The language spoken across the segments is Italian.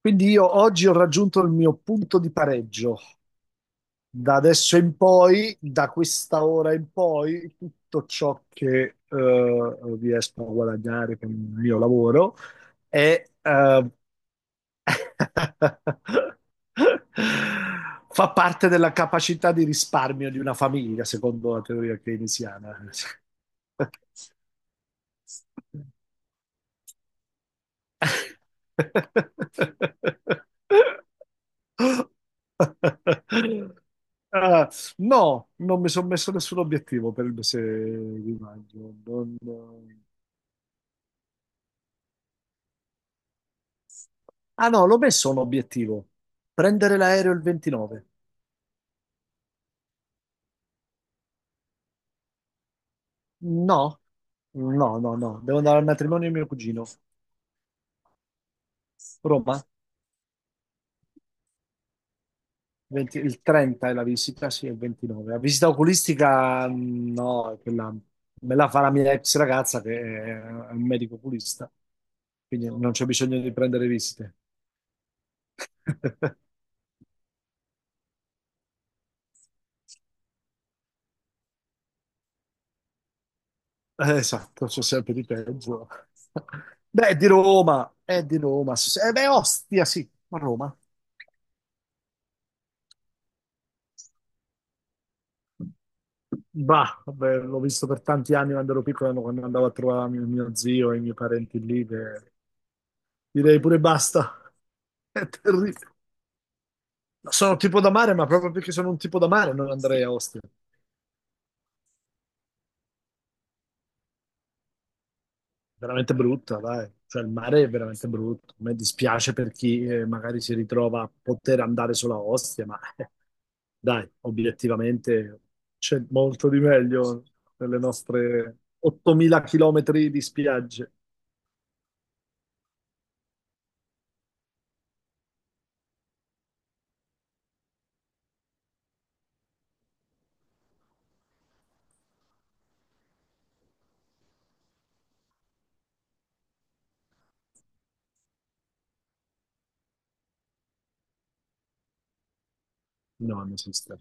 Quindi io oggi ho raggiunto il mio punto di pareggio. Da adesso in poi, da questa ora in poi, tutto ciò che riesco a guadagnare con il mio lavoro è, fa parte della capacità di risparmio di una famiglia, secondo la teoria keynesiana. Ah, no, non mi sono messo nessun obiettivo per il mese di maggio. Ah, no, l'ho messo un obiettivo. Prendere l'aereo il 29. No, no, no, no. Devo andare al matrimonio di mio cugino. Roma. 20, il 30 è la visita, sì, è il 29. La visita oculistica, no, è quella me la fa la mia ex ragazza che è un medico oculista, quindi non c'è bisogno di prendere visite. Esatto, c'è sempre di peggio. Beh, è di Roma, è di Roma. Sì, sì. Beh, Ostia, sì, a Roma. Bah, vabbè, l'ho visto per tanti anni quando ero piccolo, quando andavo a trovare mio zio e i miei parenti lì, che direi pure basta. È terribile. Sono tipo da mare, ma proprio perché sono un tipo da mare non andrei a Ostia. Veramente brutta, dai. Cioè, il mare è veramente brutto. A me dispiace per chi magari si ritrova a poter andare solo a Ostia, ma dai, obiettivamente c'è molto di meglio nelle nostre 8.000 chilometri di spiagge. No, non esiste.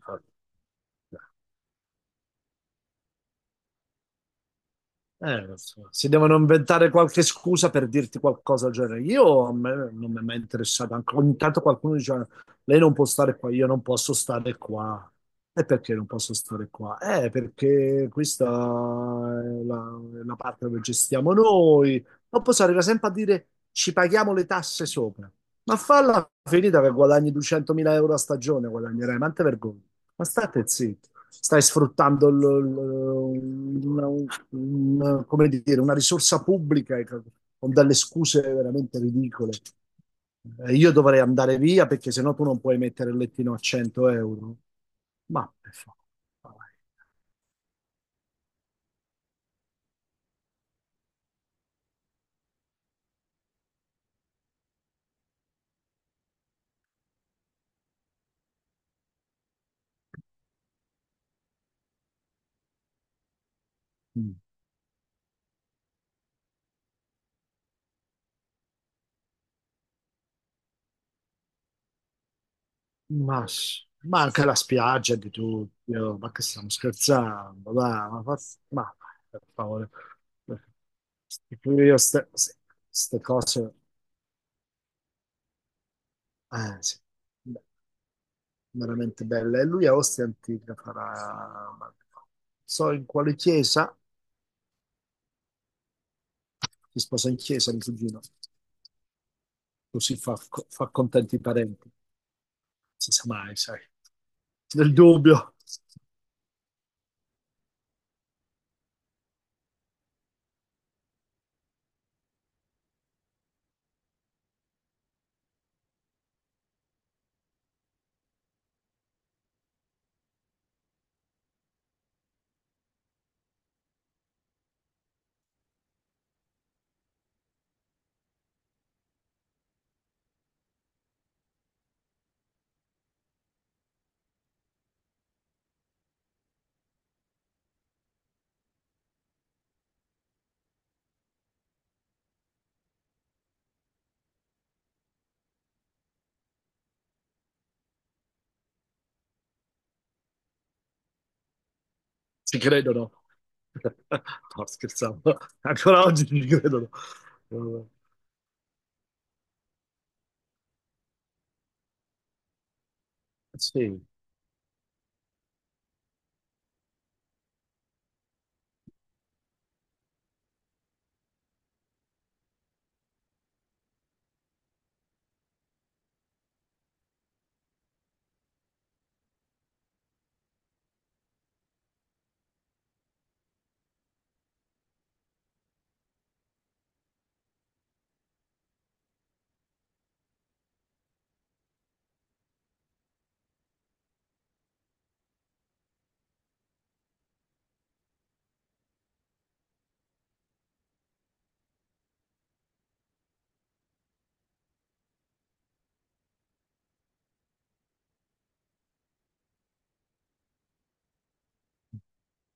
Non so, si devono inventare qualche scusa per dirti qualcosa del genere. Io a me non mi è mai interessato. Ogni tanto qualcuno dice: Lei non può stare qua, io non posso stare qua. E perché non posso stare qua? Perché questa è la parte dove gestiamo noi. Non posso arrivare sempre a dire: Ci paghiamo le tasse sopra. Ma falla finita che guadagni 200.000 euro a stagione, guadagnerai, ma non te vergogni. Ma state zitti, stai sfruttando come dire, una risorsa pubblica con delle scuse veramente ridicole. Io dovrei andare via perché sennò tu non puoi mettere il lettino a 100 euro. Ma per favore, dai. Ma, sì. Ma anche la spiaggia di tutti, oh, ma che stiamo scherzando, dai, ma per favore. E pure io queste cose, sì, beh, veramente belle. E lui a Ostia Antica farà, non so in quale chiesa, si sposa in chiesa, mio cugino, così fa contenti i parenti. Si sa mai, sai. Nel dubbio, ci credono. No, scherzavo. Ancora oggi ci credono. Eh, Sì,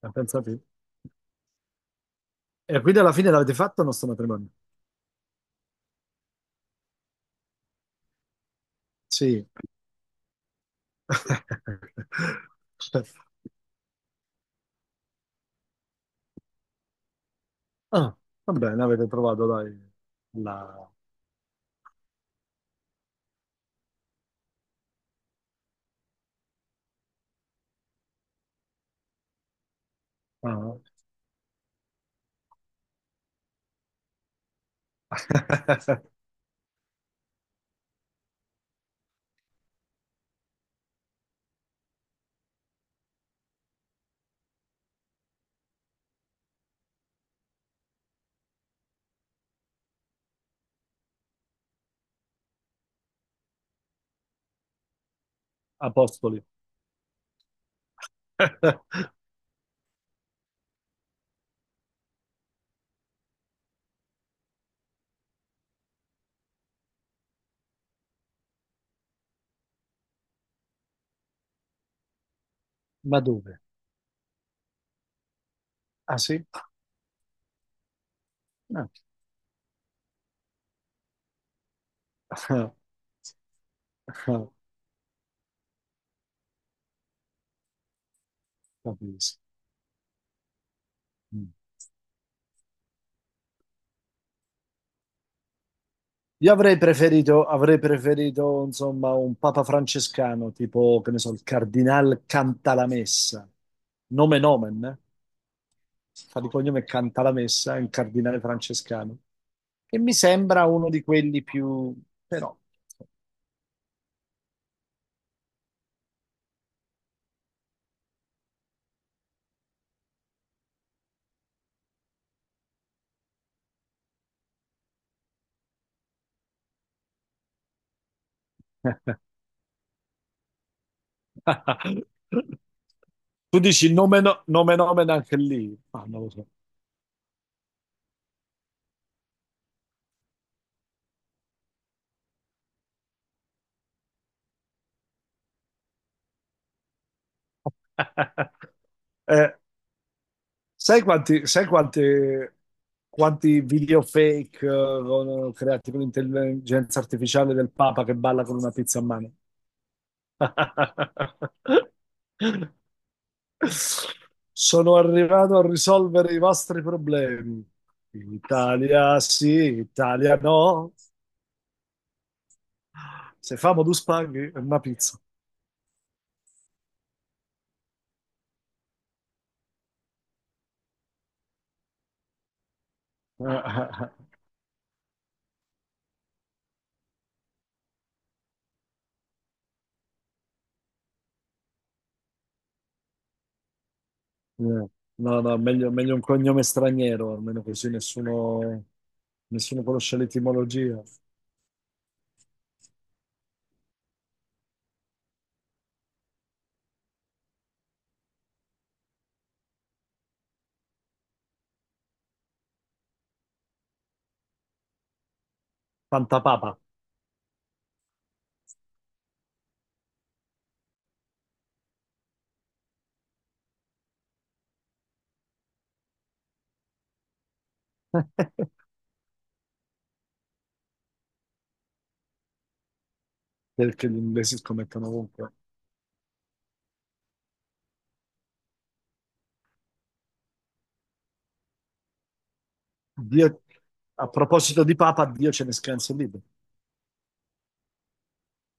ma pensa te. E quindi alla fine l'avete fatto il nostro matrimonio? Sì. Ah, va bene, avete trovato, dai, la. Ah. Apostoli. Ma dove? Ah, sì? Ah. Capisco. Mm. Io avrei preferito, insomma, un papa francescano, tipo, che ne so, il cardinal Cantalamessa. Nome nomen, eh? Fa di cognome Cantalamessa, è un cardinale francescano, che mi sembra uno di quelli più. Però. Tu dici nome, nome, nomen anche lì, ma non lo so. Eh, sai quanti, sai quante- Quanti video fake creati con l'intelligenza artificiale del Papa che balla con una pizza a mano? Sono arrivato a risolvere i vostri problemi. Italia sì, Italia no. Se famo due spaghi, è una pizza. Eh, no, no, meglio, meglio un cognome straniero, almeno così nessuno, conosce l'etimologia. Pantapapa, perché gli inglesi scommettono ovunque. Dio- A proposito di Papa, Dio ce ne scansi lì.